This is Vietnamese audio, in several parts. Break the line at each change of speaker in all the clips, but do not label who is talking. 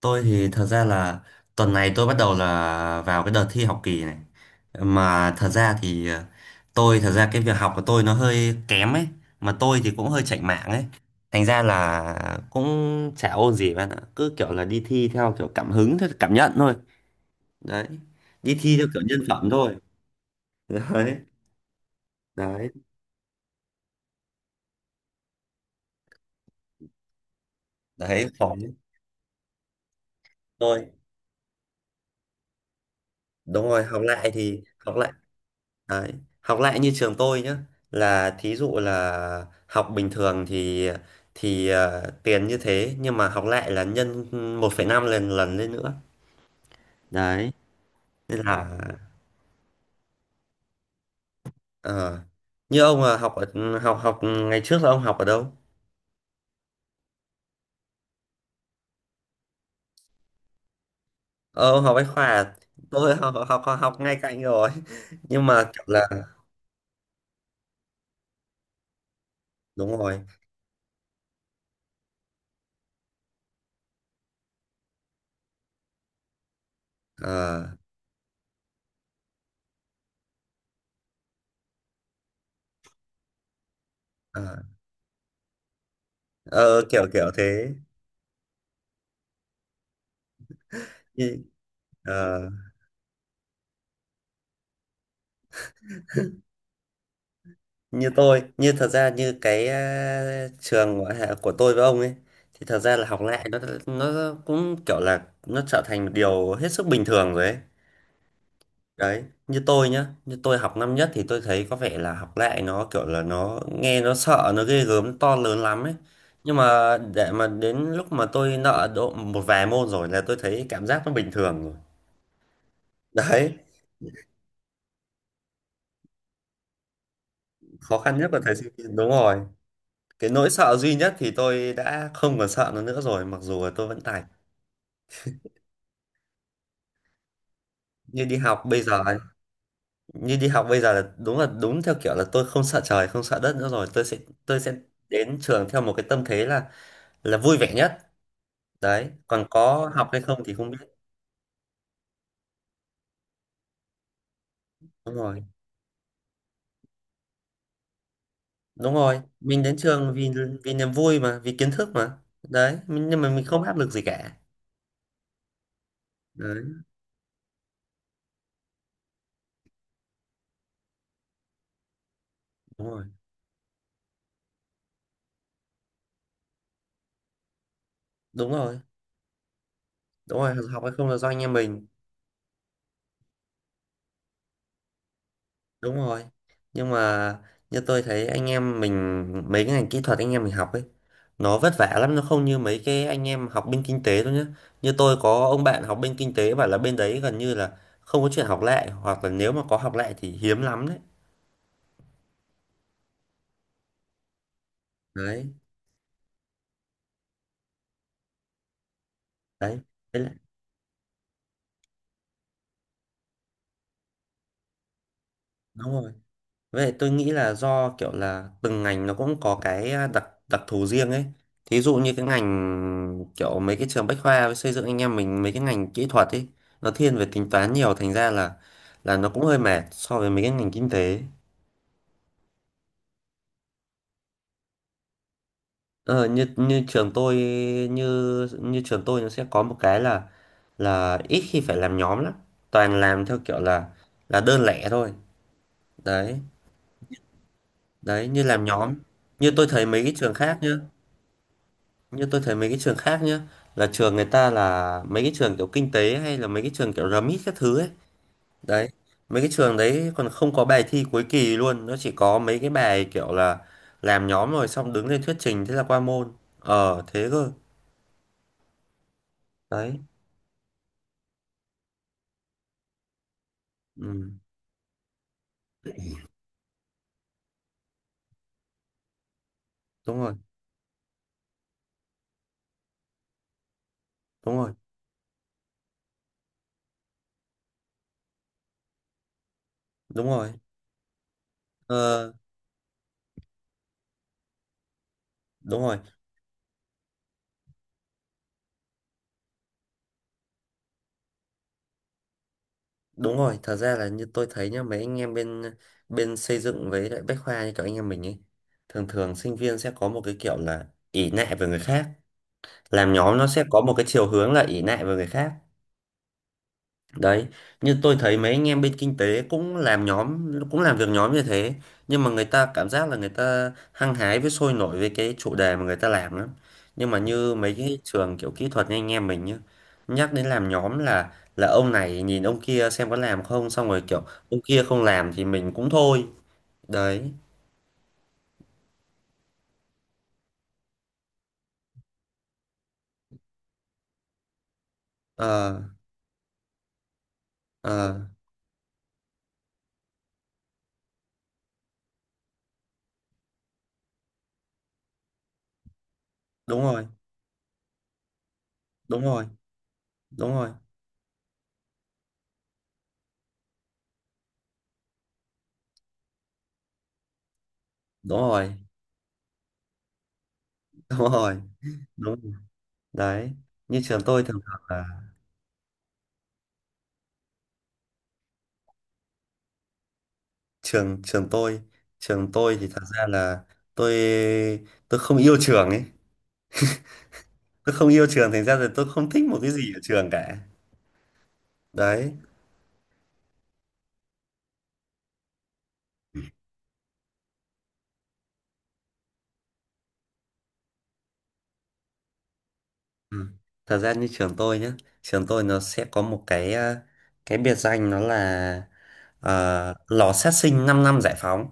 Tôi thì thật ra là tuần này tôi bắt đầu là vào cái đợt thi học kỳ này. Mà thật ra thì tôi thật ra cái việc học của tôi nó hơi kém ấy, mà tôi thì cũng hơi chạnh mạng ấy. Thành ra là cũng chả ôn gì bạn ạ, cứ kiểu là đi thi theo kiểu cảm hứng theo cảm nhận thôi. Đấy. Đi thi theo kiểu nhân phẩm thôi. Đấy, đấy, đấy, khó tôi. Đúng rồi, học lại thì học lại. Đấy. Học lại như trường tôi nhé, là thí dụ là học bình thường thì tiền như thế, nhưng mà học lại là nhân một phẩy năm lần lần lên nữa, đấy, nên là ờ, như ông là học ở học học ngày trước là ông học ở đâu? Ờ, ông học bách khoa à? Tôi học ngay cạnh rồi nhưng mà kiểu là đúng rồi. ờ, ờ, ờ, kiểu kiểu thế. Như- ờ, như tôi như thật ra như cái trường của, hạ- của tôi với ông ấy thì thật ra là học lại nó cũng kiểu là nó trở thành một điều hết sức bình thường rồi ấy. Đấy, như tôi nhá, như tôi học năm nhất thì tôi thấy có vẻ là học lại nó kiểu là nó nghe nó sợ nó ghê gớm nó to lớn lắm ấy, nhưng mà để mà đến lúc mà tôi nợ độ một vài môn rồi là tôi thấy cảm giác nó bình thường rồi. Đấy, khó khăn nhất là thầy sinh viên, đúng rồi, cái nỗi sợ duy nhất thì tôi đã không còn sợ nó nữa rồi mặc dù là tôi vẫn tài. Như đi học bây giờ ấy, như đi học bây giờ là đúng theo kiểu là tôi không sợ trời không sợ đất nữa rồi, tôi sẽ đến trường theo một cái tâm thế là vui vẻ nhất. Đấy, còn có học hay không thì không biết. Đúng rồi, đúng rồi, mình đến trường vì vì niềm vui mà, vì kiến thức mà. Đấy, nhưng mà mình không áp lực gì cả. Đấy, đúng rồi, đúng rồi, đúng rồi, học hay không là do anh em mình, đúng rồi. Nhưng mà như tôi thấy anh em mình mấy cái ngành kỹ thuật anh em mình học ấy, nó vất vả lắm, nó không như mấy cái anh em học bên kinh tế đâu nhá. Như tôi có ông bạn học bên kinh tế bảo là bên đấy gần như là không có chuyện học lại, hoặc là nếu mà có học lại thì hiếm lắm. Đấy, đấy, đấy, Thế là- đúng rồi. Vậy tôi nghĩ là do kiểu là từng ngành nó cũng có cái đặc đặc thù riêng ấy. Thí dụ như cái ngành kiểu mấy cái trường bách khoa với xây dựng anh em mình mấy cái ngành kỹ thuật ấy nó thiên về tính toán nhiều, thành ra là nó cũng hơi mệt so với mấy cái ngành kinh tế. Ờ, như như trường tôi, như như trường tôi nó sẽ có một cái là ít khi phải làm nhóm lắm. Toàn làm theo kiểu là đơn lẻ thôi. Đấy, đấy như làm nhóm. Như tôi thấy mấy cái trường khác nhá, như tôi thấy mấy cái trường khác nhá, là trường người ta là mấy cái trường kiểu kinh tế hay là mấy cái trường kiểu RMIT các thứ ấy. Đấy, mấy cái trường đấy còn không có bài thi cuối kỳ luôn, nó chỉ có mấy cái bài kiểu là làm nhóm rồi xong đứng lên thuyết trình thế là qua môn. Ờ thế cơ. Đấy, ừ, đúng rồi, đúng rồi, đúng rồi, ờ, đúng rồi, đúng rồi. Thật ra là như tôi thấy nhá, mấy anh em bên bên xây dựng với lại Bách Khoa như kiểu anh em mình ấy, thường thường sinh viên sẽ có một cái kiểu là ỷ lại về người khác, làm nhóm nó sẽ có một cái chiều hướng là ỷ lại vào người khác. Đấy, như tôi thấy mấy anh em bên kinh tế cũng làm nhóm cũng làm việc nhóm như thế, nhưng mà người ta cảm giác là người ta hăng hái với sôi nổi với cái chủ đề mà người ta làm lắm. Nhưng mà như mấy cái trường kiểu kỹ thuật như anh em mình nhá, nhắc đến làm nhóm là ông này nhìn ông kia xem có làm không, xong rồi kiểu ông kia không làm thì mình cũng thôi. Đấy, ờ, ờ, đúng rồi, đúng rồi, đúng rồi, đúng rồi, đúng rồi, đúng rồi. Đấy, như trường tôi thường thường là trường trường tôi, trường tôi thì thật ra là tôi tôi không yêu trường ấy, tôi không yêu trường thành ra là tôi không thích một cái gì ở trường cả. Đấy, ừ. Thật ra như trường tôi nhá, trường tôi nó sẽ có một cái cái biệt danh nó là lò sát sinh 5 năm giải phóng.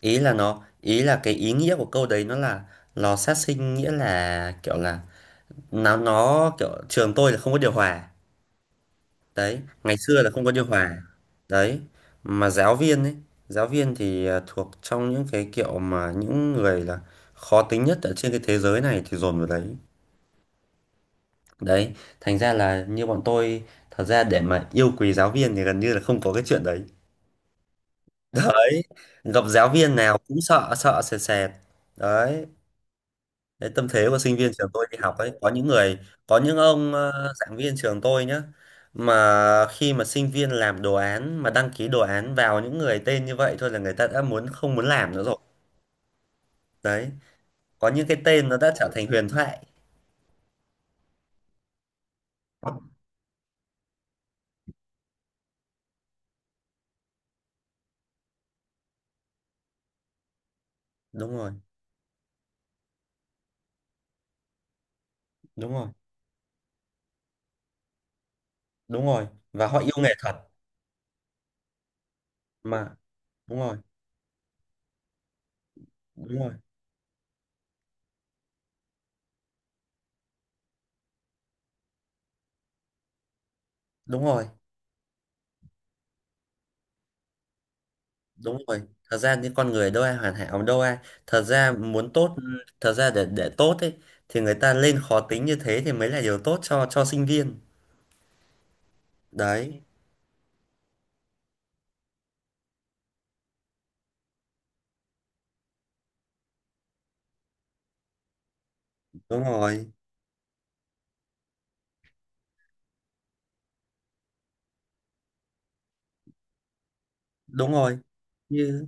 Ý là nó ý là cái ý nghĩa của câu đấy nó là lò sát sinh, nghĩa là kiểu là nó kiểu trường tôi là không có điều hòa. Đấy, ngày xưa là không có điều hòa. Đấy, mà giáo viên ấy, giáo viên thì thuộc trong những cái kiểu mà những người là khó tính nhất ở trên cái thế giới này thì dồn vào đấy. Đấy, thành ra là như bọn tôi, thật ra để mà yêu quý giáo viên thì gần như là không có cái chuyện đấy. Đấy, gặp giáo viên nào cũng sợ sợ sệt sệt. Đấy, Đấy, tâm thế của sinh viên trường tôi đi học ấy, có những người có những ông giảng viên trường tôi nhá, mà khi mà sinh viên làm đồ án mà đăng ký đồ án vào những người tên như vậy thôi là người ta đã không muốn làm nữa rồi. Đấy, có những cái tên nó đã trở thành huyền thoại. Đúng rồi, đúng rồi, đúng rồi, và họ yêu nghệ thuật mà, đúng rồi, đúng rồi, đúng rồi, đúng rồi, thật ra những con người đâu ai hoàn hảo, đâu ai thật ra muốn tốt thật ra để tốt ấy thì người ta lên khó tính như thế thì mới là điều tốt cho sinh viên. Đấy, đúng rồi, đúng rồi, như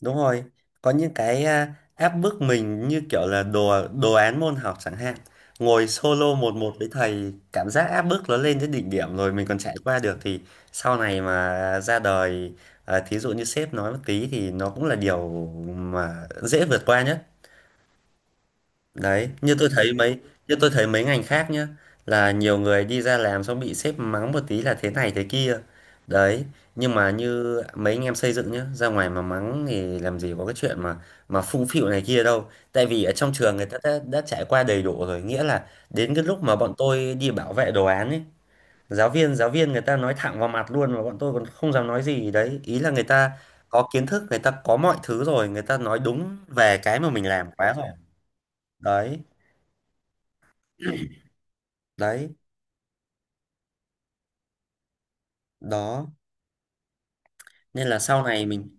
đúng rồi, có những cái áp bức mình như kiểu là đồ đồ án môn học chẳng hạn, ngồi solo một một với thầy cảm giác áp bức nó lên đến đỉnh điểm rồi mình còn trải qua được, thì sau này mà ra đời, thí dụ như sếp nói một tí thì nó cũng là điều mà dễ vượt qua nhất. Đấy, như tôi thấy mấy ngành khác nhá là nhiều người đi ra làm xong bị sếp mắng một tí là thế này thế kia. Đấy, nhưng mà như mấy anh em xây dựng nhá, ra ngoài mà mắng thì làm gì có cái chuyện mà phung phịu này kia đâu. Tại vì ở trong trường người ta đã trải qua đầy đủ rồi, nghĩa là đến cái lúc mà bọn tôi đi bảo vệ đồ án ấy, giáo viên người ta nói thẳng vào mặt luôn mà bọn tôi còn không dám nói gì đấy. Ý là người ta có kiến thức, người ta có mọi thứ rồi, người ta nói đúng về cái mà mình làm quá rồi. Đấy, đấy, đó, nên là sau này mình,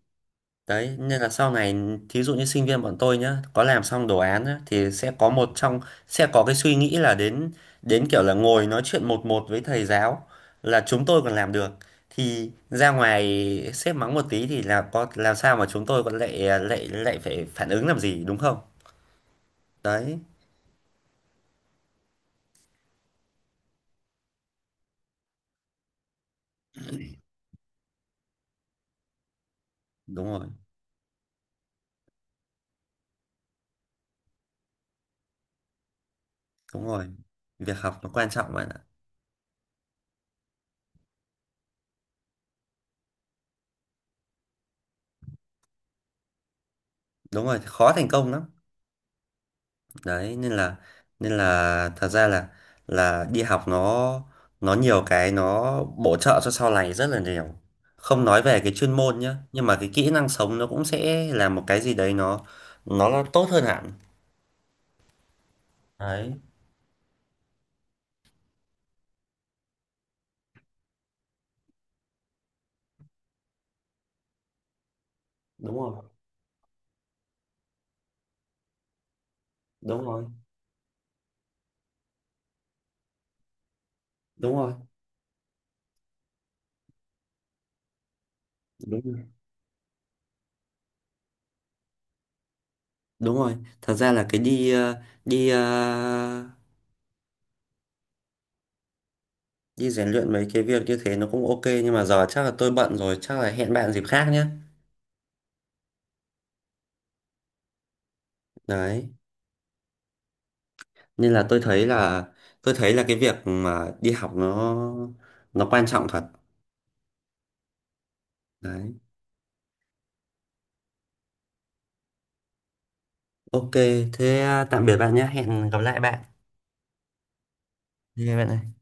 đấy nên là sau này thí dụ như sinh viên bọn tôi nhá, có làm xong đồ án nhá, thì sẽ có cái suy nghĩ là đến đến kiểu là ngồi nói chuyện một một với thầy giáo là chúng tôi còn làm được, thì ra ngoài sếp mắng một tí thì là có làm sao mà chúng tôi còn lại lại lại phải phản ứng làm gì, đúng không? Đấy, đúng rồi, đúng rồi, việc học nó quan trọng bạn ạ. Đúng rồi, khó thành công lắm. Đấy nên là, nên là thật ra là đi học nó nhiều cái nó bổ trợ cho sau này rất là nhiều, không nói về cái chuyên môn nhá, nhưng mà cái kỹ năng sống nó cũng sẽ là một cái gì đấy nó là tốt hơn hẳn. Đấy, đúng rồi, đúng rồi, đúng rồi, đúng rồi, đúng rồi, thật ra là cái đi ờ, đi rèn luyện mấy cái việc như thế nó cũng ok, nhưng mà giờ chắc là tôi bận rồi, chắc là hẹn bạn dịp khác nhé. Đấy, nên là tôi thấy là, cái việc mà đi học nó quan trọng thật. Đấy, ok, thế tạm biệt bạn nhé, hẹn gặp lại bạn. Bye bạn ơi.